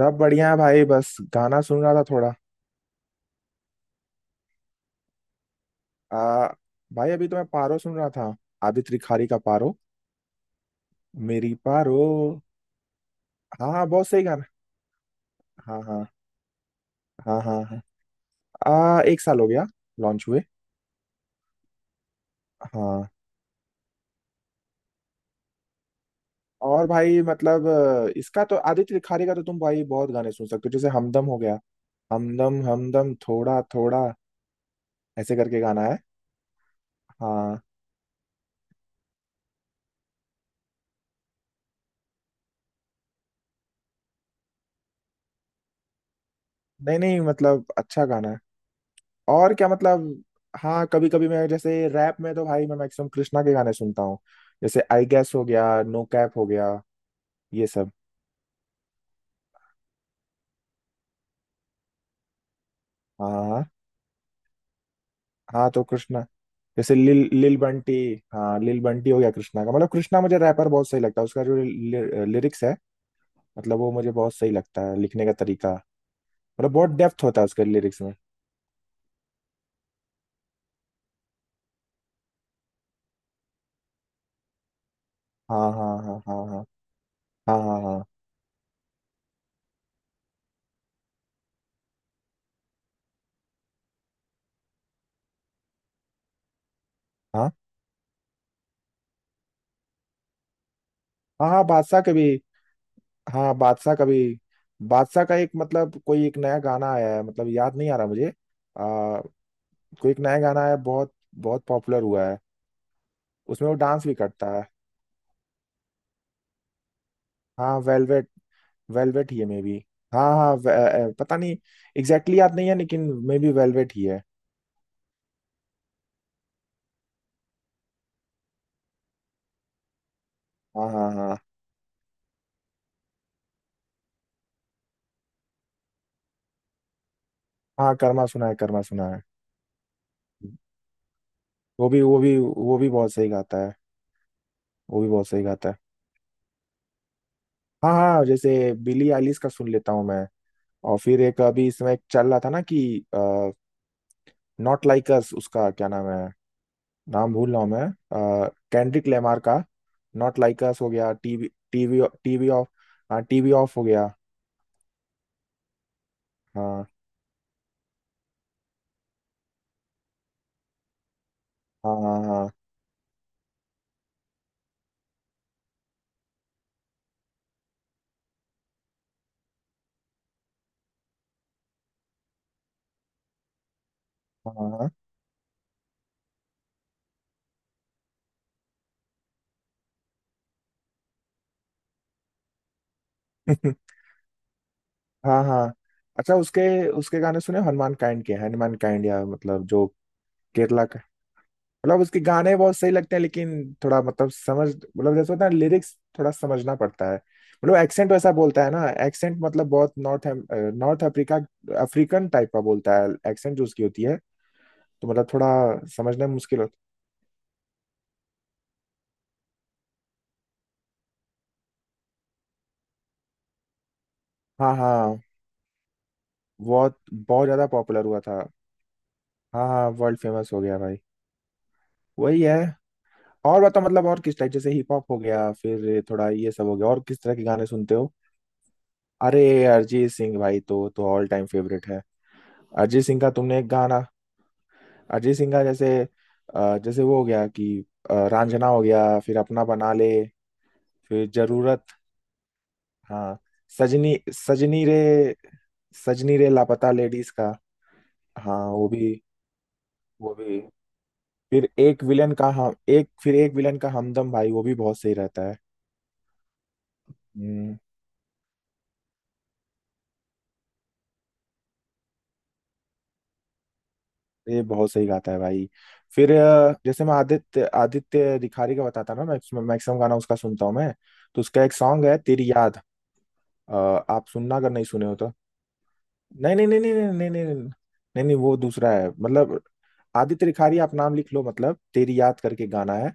सब बढ़िया है भाई। बस गाना सुन रहा था थोड़ा। आ, भाई अभी तो मैं पारो सुन रहा था। आदित्य रिखारी का पारो। मेरी पारो। हाँ हाँ, बहुत सही गाना। हाँ हाँ। हाँ हाँ हाँ। एक साल हो गया लॉन्च हुए। हाँ। और भाई मतलब इसका तो आदित्य रिखारी का तो तुम भाई बहुत गाने सुन सकते हो। जैसे हमदम हो गया, हमदम हमदम थोड़ा थोड़ा ऐसे करके गाना है। हाँ। नहीं नहीं, मतलब अच्छा गाना है। और क्या मतलब। हाँ कभी कभी मैं जैसे रैप में तो भाई मैं मैक्सिमम कृष्णा के गाने सुनता हूँ। जैसे आई गेस हो गया, नो कैप हो गया, ये सब। हाँ हाँ हाँ हाँ, कृष्णा जैसे लिल लिल बंटी। हाँ लिल बंटी हो गया। कृष्णा का मतलब, कृष्णा मुझे रैपर बहुत सही लगता है। उसका जो लिरिक्स है, मतलब वो मुझे बहुत सही लगता है, लिखने का तरीका। मतलब बहुत डेप्थ होता है उसके लिरिक्स में। हाँ हाँ हाँ हाँ हाँ हाँ। हाँ हाँ हाँ हाँ हाँ हाँ, बादशाह के भी। हाँ बादशाह का भी। बादशाह का एक मतलब कोई एक नया गाना आया है, मतलब याद नहीं आ रहा मुझे। कोई एक नया गाना है, बहुत बहुत पॉपुलर हुआ है। उसमें वो डांस भी करता है। हाँ वेलवेट, वेलवेट ही है मे बी। हाँ हाँ, पता नहीं, एग्जैक्टली याद नहीं है, लेकिन मे बी वेलवेट ही है। हाँ हाँ। हाँ हाँ। कर्मा सुना है, कर्मा सुना है। वो भी वो भी वो भी बहुत सही गाता है। वो भी बहुत सही गाता है। हाँ हाँ, जैसे बिली आइलिश का सुन लेता हूँ मैं। और फिर एक अभी इसमें एक चल रहा था ना कि नॉट लाइक अस। उसका क्या नाम है, नाम भूल रहा हूँ मैं, कैंड्रिक लेमार का। नॉट लाइक अस हो गया। TV TV TV off. हाँ टीवी ऑफ हो गया। हाँ हाँ हाँ हाँ हाँ हाँ। हाँ हाँ। अच्छा उसके, उसके गाने सुने हनुमान काइंड के? हनुमान काइंड या मतलब जो केरला, मतलब उसके गाने बहुत सही लगते हैं। लेकिन थोड़ा मतलब समझ, मतलब जैसे होता है लिरिक्स थोड़ा समझना पड़ता है। मतलब एक्सेंट वैसा बोलता है ना, एक्सेंट मतलब बहुत north, north Africa, African type का बोलता है। एक्सेंट जो उसकी होती है, तो मतलब थोड़ा समझने में मुश्किल होता। हाँ हाँ। बहुत बहुत ज्यादा पॉपुलर हुआ था। हाँ हाँ, वर्ल्ड फेमस हो गया भाई। वही है। और बताओ मतलब और किस टाइप, जैसे हिप हॉप हो गया, फिर थोड़ा ये सब हो गया, और किस तरह के गाने सुनते हो? अरे, अरिजीत सिंह भाई तो ऑल टाइम फेवरेट है। अरिजीत सिंह का तुमने एक गाना, अजय सिंह का जैसे, जैसे वो हो गया कि रांझना हो गया, फिर अपना बना ले, फिर जरूरत। हाँ सजनी, सजनी रे, सजनी रे लापता लेडीज का। हाँ वो भी, वो भी। फिर एक विलन का हम, एक फिर एक विलन का हमदम, भाई वो भी बहुत सही रहता है। हम्म। ये बहुत सही गाता है भाई। फिर जैसे मैं आदित्य आदित्य रिखारी का बताता ना, मैक्सिमम मैक्सिमम गाना उसका सुनता हूँ मैं। तो उसका एक सॉन्ग है तेरी याद। अ, आप सुनना अगर नहीं सुने हो तो। नहीं नहीं नहीं नहीं नहीं नहीं नहीं नहीं, नहीं नहीं, वो दूसरा है मतलब। आदित्य रिखारी, आप नाम लिख लो, मतलब तेरी याद करके गाना है।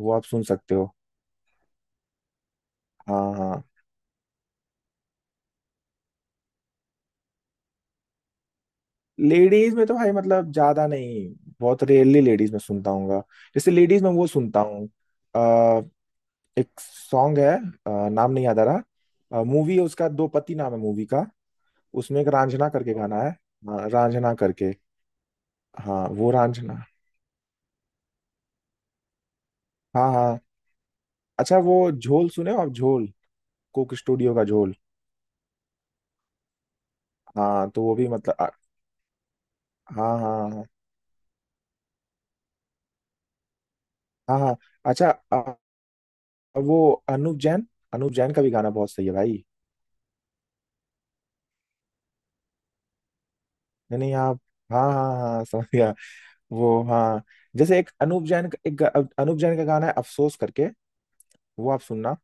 वो आप सुन सकते हो। हाँ हाँ। लेडीज में तो भाई मतलब ज्यादा नहीं, बहुत रेयरली लेडीज में सुनता हूँ। जैसे लेडीज में वो सुनता हूँ, अ, एक सॉन्ग है, नाम नहीं याद आ रहा। मूवी है उसका दो पति, नाम है मूवी का। उसमें एक रांझना करके गाना है। हाँ, रांझना करके। हाँ वो रांझना। हाँ हाँ। अच्छा वो झोल सुने हो आप, झोल, कोक स्टूडियो का झोल। हाँ तो वो भी मतलब हाँ हाँ हाँ हाँ हाँ। अच्छा वो अनूप जैन, अनूप जैन का भी गाना बहुत सही है भाई। नहीं नहीं आप। हाँ हाँ हाँ, समझ गया। वो, हाँ जैसे एक अनूप जैन का एक अनूप जैन का गाना है अफसोस करके, वो आप सुनना।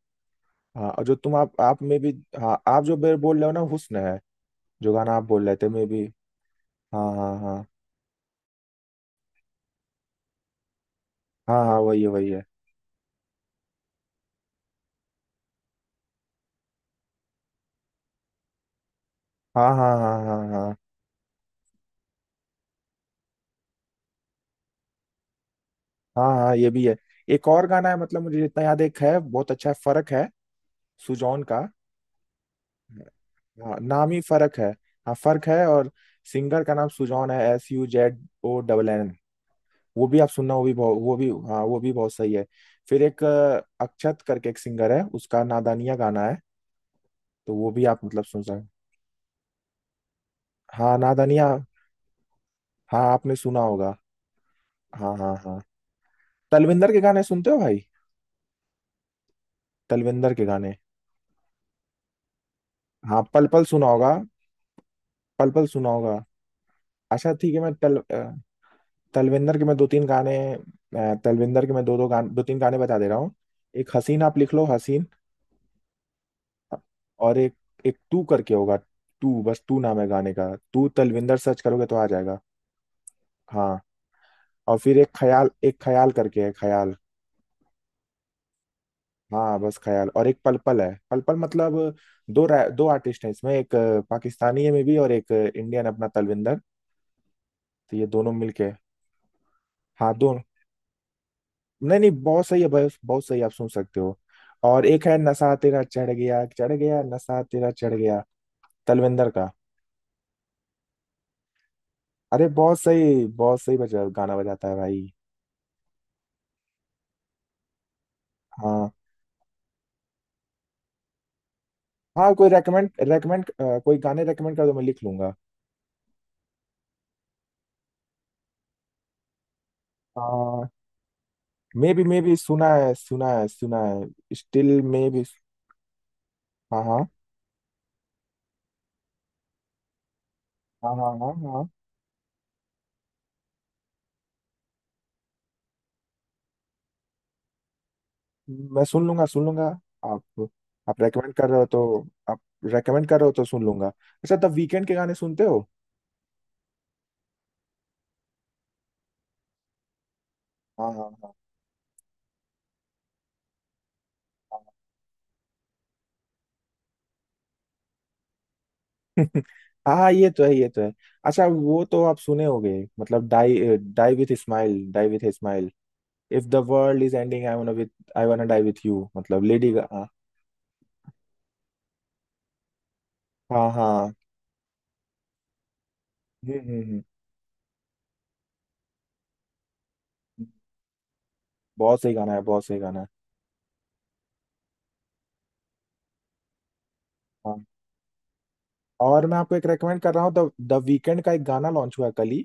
हाँ, और जो तुम आप में भी, हाँ आप जो बोल रहे हो ना, हुस्न है, जो गाना आप बोल रहे थे में भी। हाँ हाँ हाँ हाँ हाँ, वही है वही है। हाँ हाँ हाँ हाँ हाँ हाँ हाँ हाँ, ये भी है। एक और गाना है, मतलब मुझे जितना याद है, एक है बहुत अच्छा है, फर्क है, सुजॉन का। हाँ नाम ही फर्क है। हाँ फर्क है। और सिंगर का नाम सुजॉन है, S U Z O double N. वो भी आप सुनना, वो भी बहुत, वो भी, हाँ वो भी बहुत सही है। फिर एक अक्षत करके एक सिंगर है, उसका नादानिया गाना है, तो वो भी आप मतलब सुन सकते। हाँ नादानिया। हाँ आपने सुना होगा। हाँ हाँ हाँ। तलविंदर के गाने सुनते हो भाई? तलविंदर के गाने। हाँ पल पल सुना होगा। पल पल सुना होगा। अच्छा ठीक है। तलविंदर के मैं दो तीन गाने, तलविंदर के मैं दो दो गाने दो तीन गाने बता दे रहा हूँ। एक हसीन, आप लिख लो हसीन। और एक, एक तू करके होगा। तू, बस तू नाम है गाने का। तू तलविंदर सर्च करोगे तो आ जाएगा। हाँ। और फिर एक ख्याल, एक ख्याल करके है, ख्याल। हाँ बस ख्याल। और एक पल पल है, पल पल मतलब दो आर्टिस्ट हैं इसमें, एक पाकिस्तानी है में भी, और एक इंडियन अपना तलविंदर। तो ये दोनों मिलके। हाँ दोनों। नहीं नहीं, बहुत सही है, बस बहुत सही है, आप सुन सकते हो। और एक है नशा तेरा चढ़ गया, चढ़ गया नशा तेरा चढ़ गया, तलविंदर का। अरे बहुत सही, बहुत सही बजा गाना बजाता है भाई। हाँ हाँ। कोई रेकमेंड, रेकमेंड, कोई गाने रेकमेंड कर दो, मैं लिख लूंगा। मे बी सुना है, सुना है सुना है स्टिल मे बी। हाँ हाँ हाँ हाँ हाँ हाँ। मैं सुन लूंगा, सुन लूंगा। आप आप रेकमेंड कर रहे हो तो आप रेकमेंड कर रहे हो तो सुन लूंगा। अच्छा तब वीकेंड के गाने सुनते हो? हाँ हाँ हाँ हाँ। हाँ हाँ, ये तो है ये तो है। अच्छा वो तो आप सुने होगे, मतलब die, die with smile, die with smile, if the world is ending I wanna with, I wanna die with you, मतलब लेडी। हाँ हाँ। हम्म हम्म हम्म। हम्म। बहुत सही गाना है, बहुत सही गाना है। हाँ। और मैं आपको एक रेकमेंड कर रहा हूँ, द द वीकेंड का एक गाना लॉन्च हुआ है कल ही,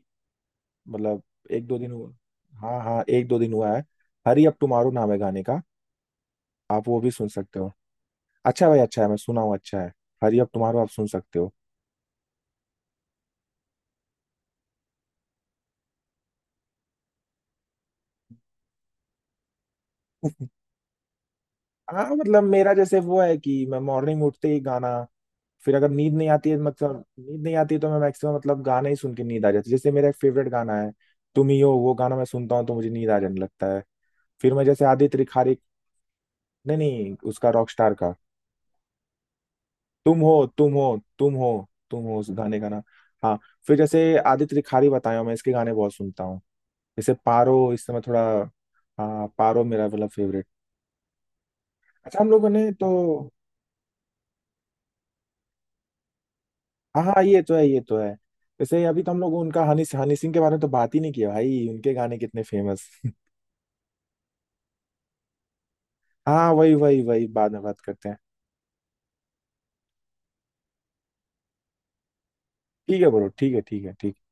मतलब एक दो दिन हुआ। हाँ हाँ एक दो दिन हुआ है। हरी अप टुमारो नाम है गाने का, आप वो भी सुन सकते हो। अच्छा है भाई अच्छा है, मैं सुना हूँ, अच्छा है। हरी अप टुमारो आप सुन सकते हो। हाँ मतलब मेरा जैसे वो है कि मैं मॉर्निंग उठते ही गाना, फिर अगर नींद नहीं आती है, मतलब नींद नहीं आती है, तो मैं मैक्सिमम मतलब गाना ही सुन के नींद आ जाती है। जैसे मेरा एक फेवरेट गाना है तुम ही हो, वो गाना मैं सुनता हूँ तो मुझे नींद आ जाने लगता है। फिर मैं जैसे आदित्य रिखारी, नहीं नहीं, उसका रॉकस्टार का तुम हो, तुम हो, तुम हो, तुम हो उस गाने का नाम। हाँ फिर जैसे आदित्य रिखारी बताया, मैं इसके गाने बहुत सुनता हूँ। जैसे पारो इस समय थोड़ा, हाँ पारो मेरा मतलब फेवरेट। अच्छा हम लोगों ने तो, हाँ हाँ ये तो है ये तो है। जैसे अभी तो हम लोग उनका हनी हनी सिंह के बारे में तो बात ही नहीं किया भाई, उनके गाने कितने फेमस। हाँ वही वही वही, बाद में बात करते हैं। ठीक है ब्रो, ठीक है ठीक है ठीक है।